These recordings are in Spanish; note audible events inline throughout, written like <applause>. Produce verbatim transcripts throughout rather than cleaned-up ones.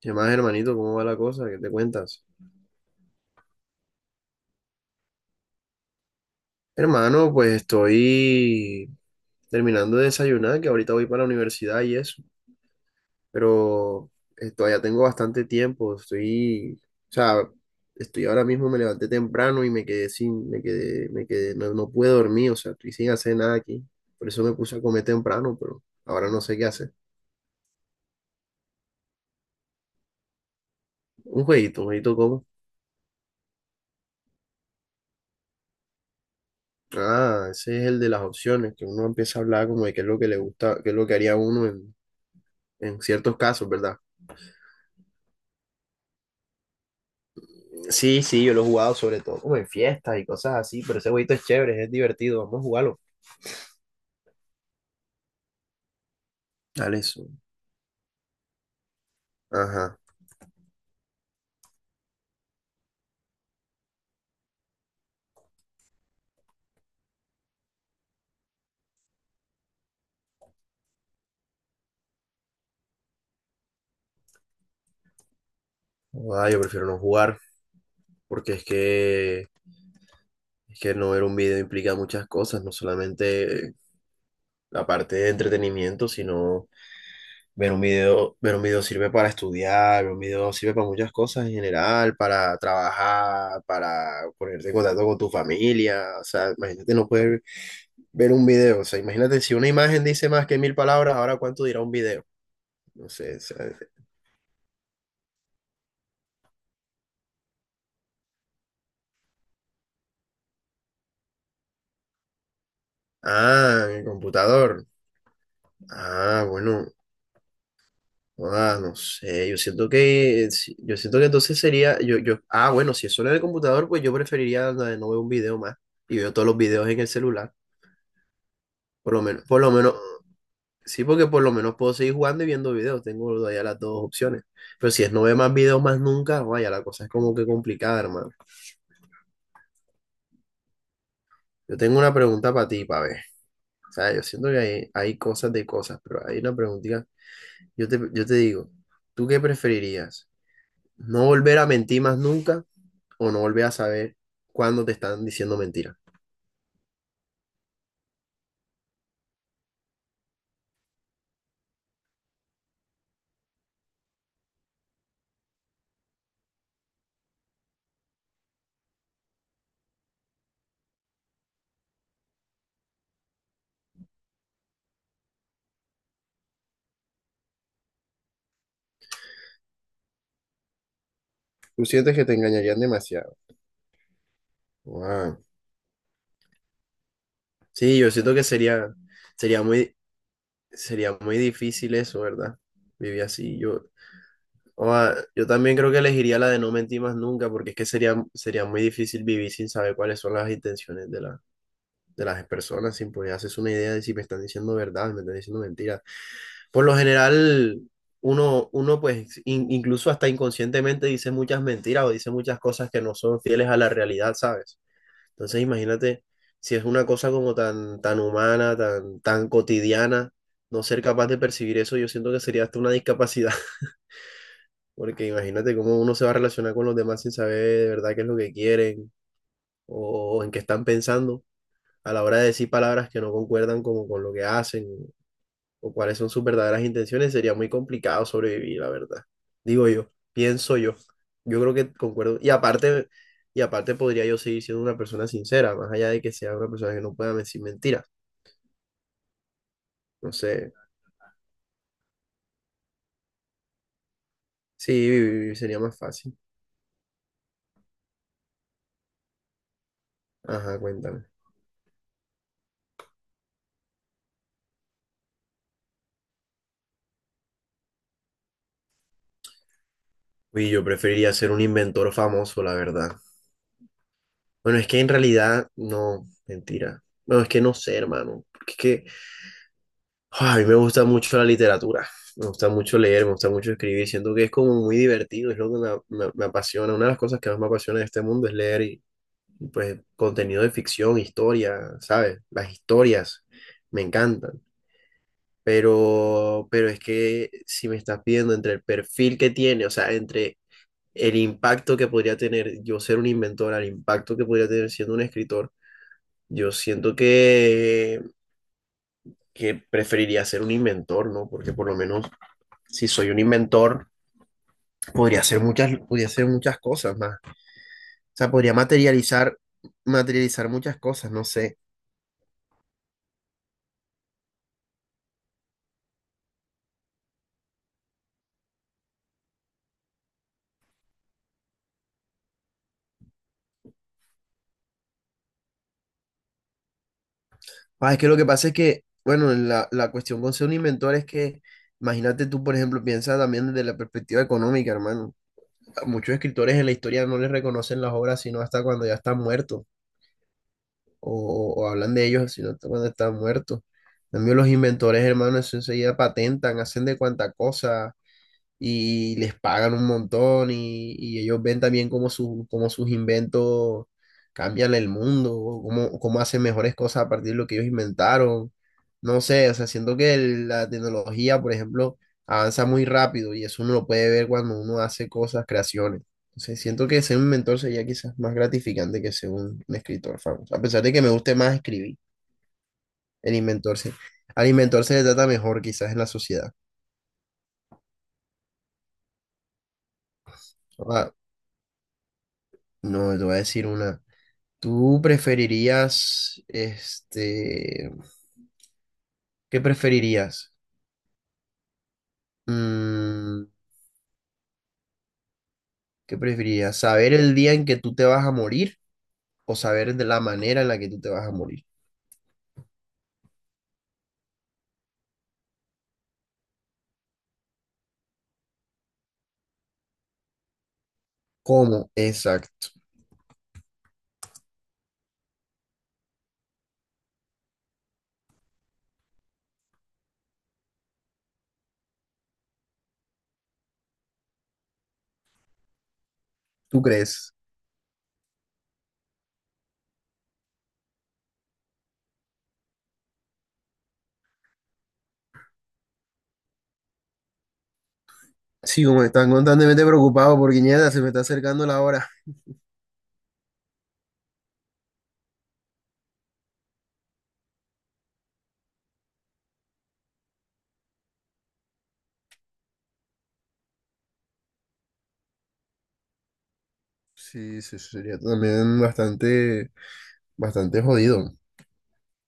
¿Qué más, hermanito? ¿Cómo va la cosa? ¿Qué te cuentas? Hermano, pues estoy terminando de desayunar, que ahorita voy para la universidad y eso, pero eh, todavía tengo bastante tiempo, estoy, o sea, estoy ahora mismo, me levanté temprano y me quedé sin, me quedé, me quedé, no, no pude dormir, o sea, estoy sin hacer nada aquí, por eso me puse a comer temprano, pero ahora no sé qué hacer. Un jueguito, un jueguito como. Ah, ese es el de las opciones, que uno empieza a hablar como de qué es lo que le gusta, qué es lo que haría uno en en ciertos casos, ¿verdad? Sí, sí, yo lo he jugado sobre todo como en fiestas y cosas así, pero ese jueguito es chévere, es divertido, vamos a jugarlo. Dale, eso. Ajá. Ah, yo prefiero no jugar, porque es que, es que no ver un video implica muchas cosas, no solamente la parte de entretenimiento, sino ver un video, ver un video sirve para estudiar, ver un video sirve para muchas cosas en general, para trabajar, para ponerte en contacto con tu familia, o sea, imagínate no poder ver un video, o sea, imagínate si una imagen dice más que mil palabras, ahora cuánto dirá un video. No sé, ¿sabes? Ah, mi computador. Ah, bueno. Ah, no sé. Yo siento que. Si- Yo siento que entonces sería. Yo, yo, ah, bueno, si es solo en el computador, pues yo preferiría la de no ver un video más. Y veo todos los videos en el celular. Por lo menos, por lo menos. Sí, porque por lo menos puedo seguir jugando y viendo videos. Tengo todavía las dos opciones. Pero si es no ver más videos más nunca, vaya, la cosa es como que complicada, hermano. Yo tengo una pregunta para ti, para ver. O sea, yo siento que hay, hay cosas de cosas, pero hay una preguntita. Yo te, yo te digo, ¿tú qué preferirías? ¿No volver a mentir más nunca o no volver a saber cuándo te están diciendo mentiras? ¿Tú sientes que te engañarían demasiado? Wow. Sí, yo siento que sería, sería muy, sería muy difícil eso, ¿verdad? Vivir así. Yo, ah, yo también creo que elegiría la de no mentir más nunca porque es que sería, sería muy difícil vivir sin saber cuáles son las intenciones de la, de las personas, sin poder hacerse una idea de si me están diciendo verdad, me están diciendo mentiras. Por lo general, uno, uno pues in- incluso hasta inconscientemente dice muchas mentiras o dice muchas cosas que no son fieles a la realidad, ¿sabes? Entonces imagínate si es una cosa como tan, tan humana, tan, tan cotidiana, no ser capaz de percibir eso, yo siento que sería hasta una discapacidad, <laughs> porque imagínate cómo uno se va a relacionar con los demás sin saber de verdad qué es lo que quieren o en qué están pensando a la hora de decir palabras que no concuerdan como con lo que hacen o cuáles son sus verdaderas intenciones, sería muy complicado sobrevivir, la verdad. Digo yo, pienso yo. Yo creo que concuerdo. Y aparte, y aparte podría yo seguir siendo una persona sincera, más allá de que sea una persona que no pueda decir mentiras. No sé, sí, vivir sería más fácil. Ajá, cuéntame. Uy, yo preferiría ser un inventor famoso, la verdad. Bueno, es que en realidad, no, mentira. No, es que no sé, hermano, porque es que Ah, a mí me gusta mucho la literatura, me gusta mucho leer, me gusta mucho escribir, siento que es como muy divertido, es lo que me, me- me apasiona, una de las cosas que más me apasiona de este mundo es leer y, y, pues contenido de ficción, historia, ¿sabes? Las historias me encantan, pero, pero es que si me estás pidiendo entre el perfil que tiene, o sea, entre el impacto que podría tener yo ser un inventor, al impacto que podría tener siendo un escritor, yo siento que, que preferiría ser un inventor, ¿no? Porque por lo menos si soy un inventor, podría hacer muchas, podría hacer muchas cosas más. O sea, podría materializar, materializar, muchas cosas, no sé. Ah, es que lo que pasa es que, bueno, la, la cuestión con ser un inventor es que, imagínate tú, por ejemplo, piensa también desde la perspectiva económica, hermano. A muchos escritores en la historia no les reconocen las obras sino hasta cuando ya están muertos, o, o hablan de ellos sino hasta cuando están muertos. En cambio, los inventores, hermano, eso enseguida patentan, hacen de cuanta cosa y les pagan un montón y, y ellos ven también cómo, su- cómo sus inventos cambian el mundo, o cómo, cómo hacen mejores cosas a partir de lo que ellos inventaron. No sé, o sea, siento que el- la tecnología, por ejemplo, avanza muy rápido y eso uno lo puede ver cuando uno hace cosas, creaciones. Entonces, siento que ser un mentor sería quizás más gratificante que ser un, un escritor famoso, a pesar de que me guste más escribir, el inventor se, al inventor se le trata mejor quizás en la sociedad. Ahora, no, te voy a decir una. ¿Tú preferirías, este, qué preferirías? Mm, ¿qué preferirías? ¿Saber el día en que tú te vas a morir o saber de la manera en la que tú te vas a morir? ¿Cómo? Exacto. ¿Tú crees? Sí, como están constantemente preocupados por Guiñeta, se me está acercando la hora. Sí, sí, eso sería también bastante, bastante jodido.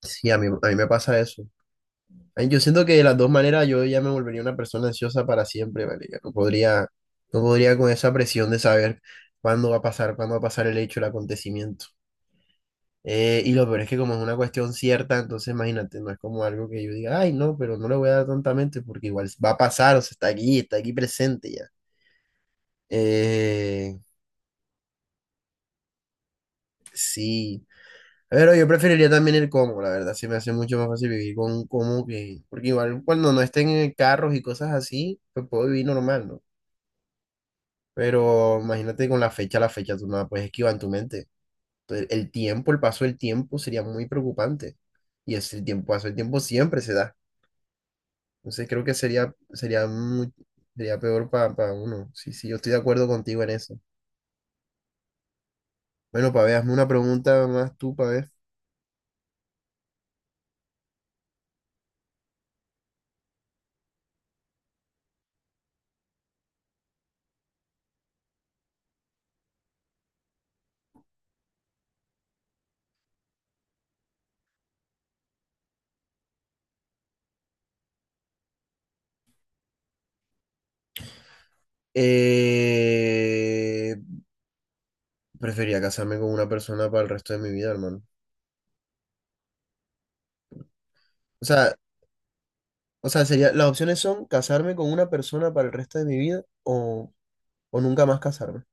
Sí, a mí, a mí me pasa eso. Ay, yo siento que de las dos maneras yo ya me volvería una persona ansiosa para siempre, marica. No podría, no podría con esa presión de saber cuándo va a pasar, cuándo va a pasar el hecho, el acontecimiento. Eh, y lo peor es que como es una cuestión cierta, entonces imagínate, no es como algo que yo diga, ay, no, pero no le voy a dar tontamente porque igual va a pasar, o sea, está aquí, está aquí presente ya. Eh, sí. Pero yo preferiría también el cómo, la verdad, se me hace mucho más fácil vivir con un cómo que, porque igual cuando no estén en carros y cosas así, pues puedo vivir normal, ¿no? Pero imagínate con la fecha, la fecha tú no la puedes esquivar en tu mente. Entonces, el tiempo, el paso del tiempo sería muy preocupante. Y es el tiempo, paso del tiempo siempre se da. Entonces creo que sería, sería, muy- sería peor para uno. Sí, sí, yo estoy de acuerdo contigo en eso. Bueno, Pabé, hazme una pregunta más tú, Pabé. Eh, preferiría casarme con una persona para el resto de mi vida, hermano. O sea, o sea, sería, las opciones son casarme con una persona para el resto de mi vida o, o, nunca más casarme.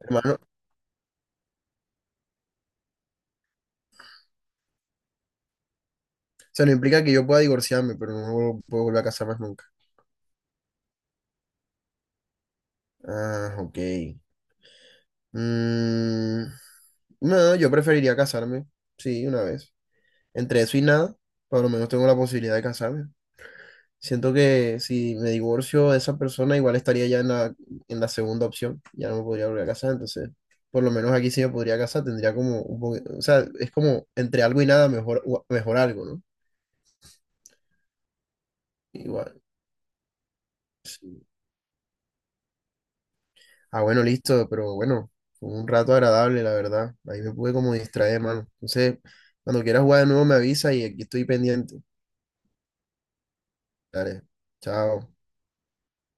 Hermano, o sea, no implica que yo pueda divorciarme, pero no puedo volver a casar más nunca. Ah, ok. Mm, no, yo preferiría casarme, sí, una vez. Entre eso y nada, por lo menos tengo la posibilidad de casarme. Siento que si me divorcio de esa persona, igual estaría ya en la, en la segunda opción. Ya no me podría volver a casar, entonces, por lo menos aquí sí me podría casar. Tendría como un poco, o sea, es como entre algo y nada, mejor, mejor algo, ¿no? Igual. Sí. Ah, bueno, listo, pero bueno, fue un rato agradable, la verdad. Ahí me pude como distraer, mano. Entonces, cuando quieras jugar de nuevo me avisa y aquí estoy pendiente. Dale, chao.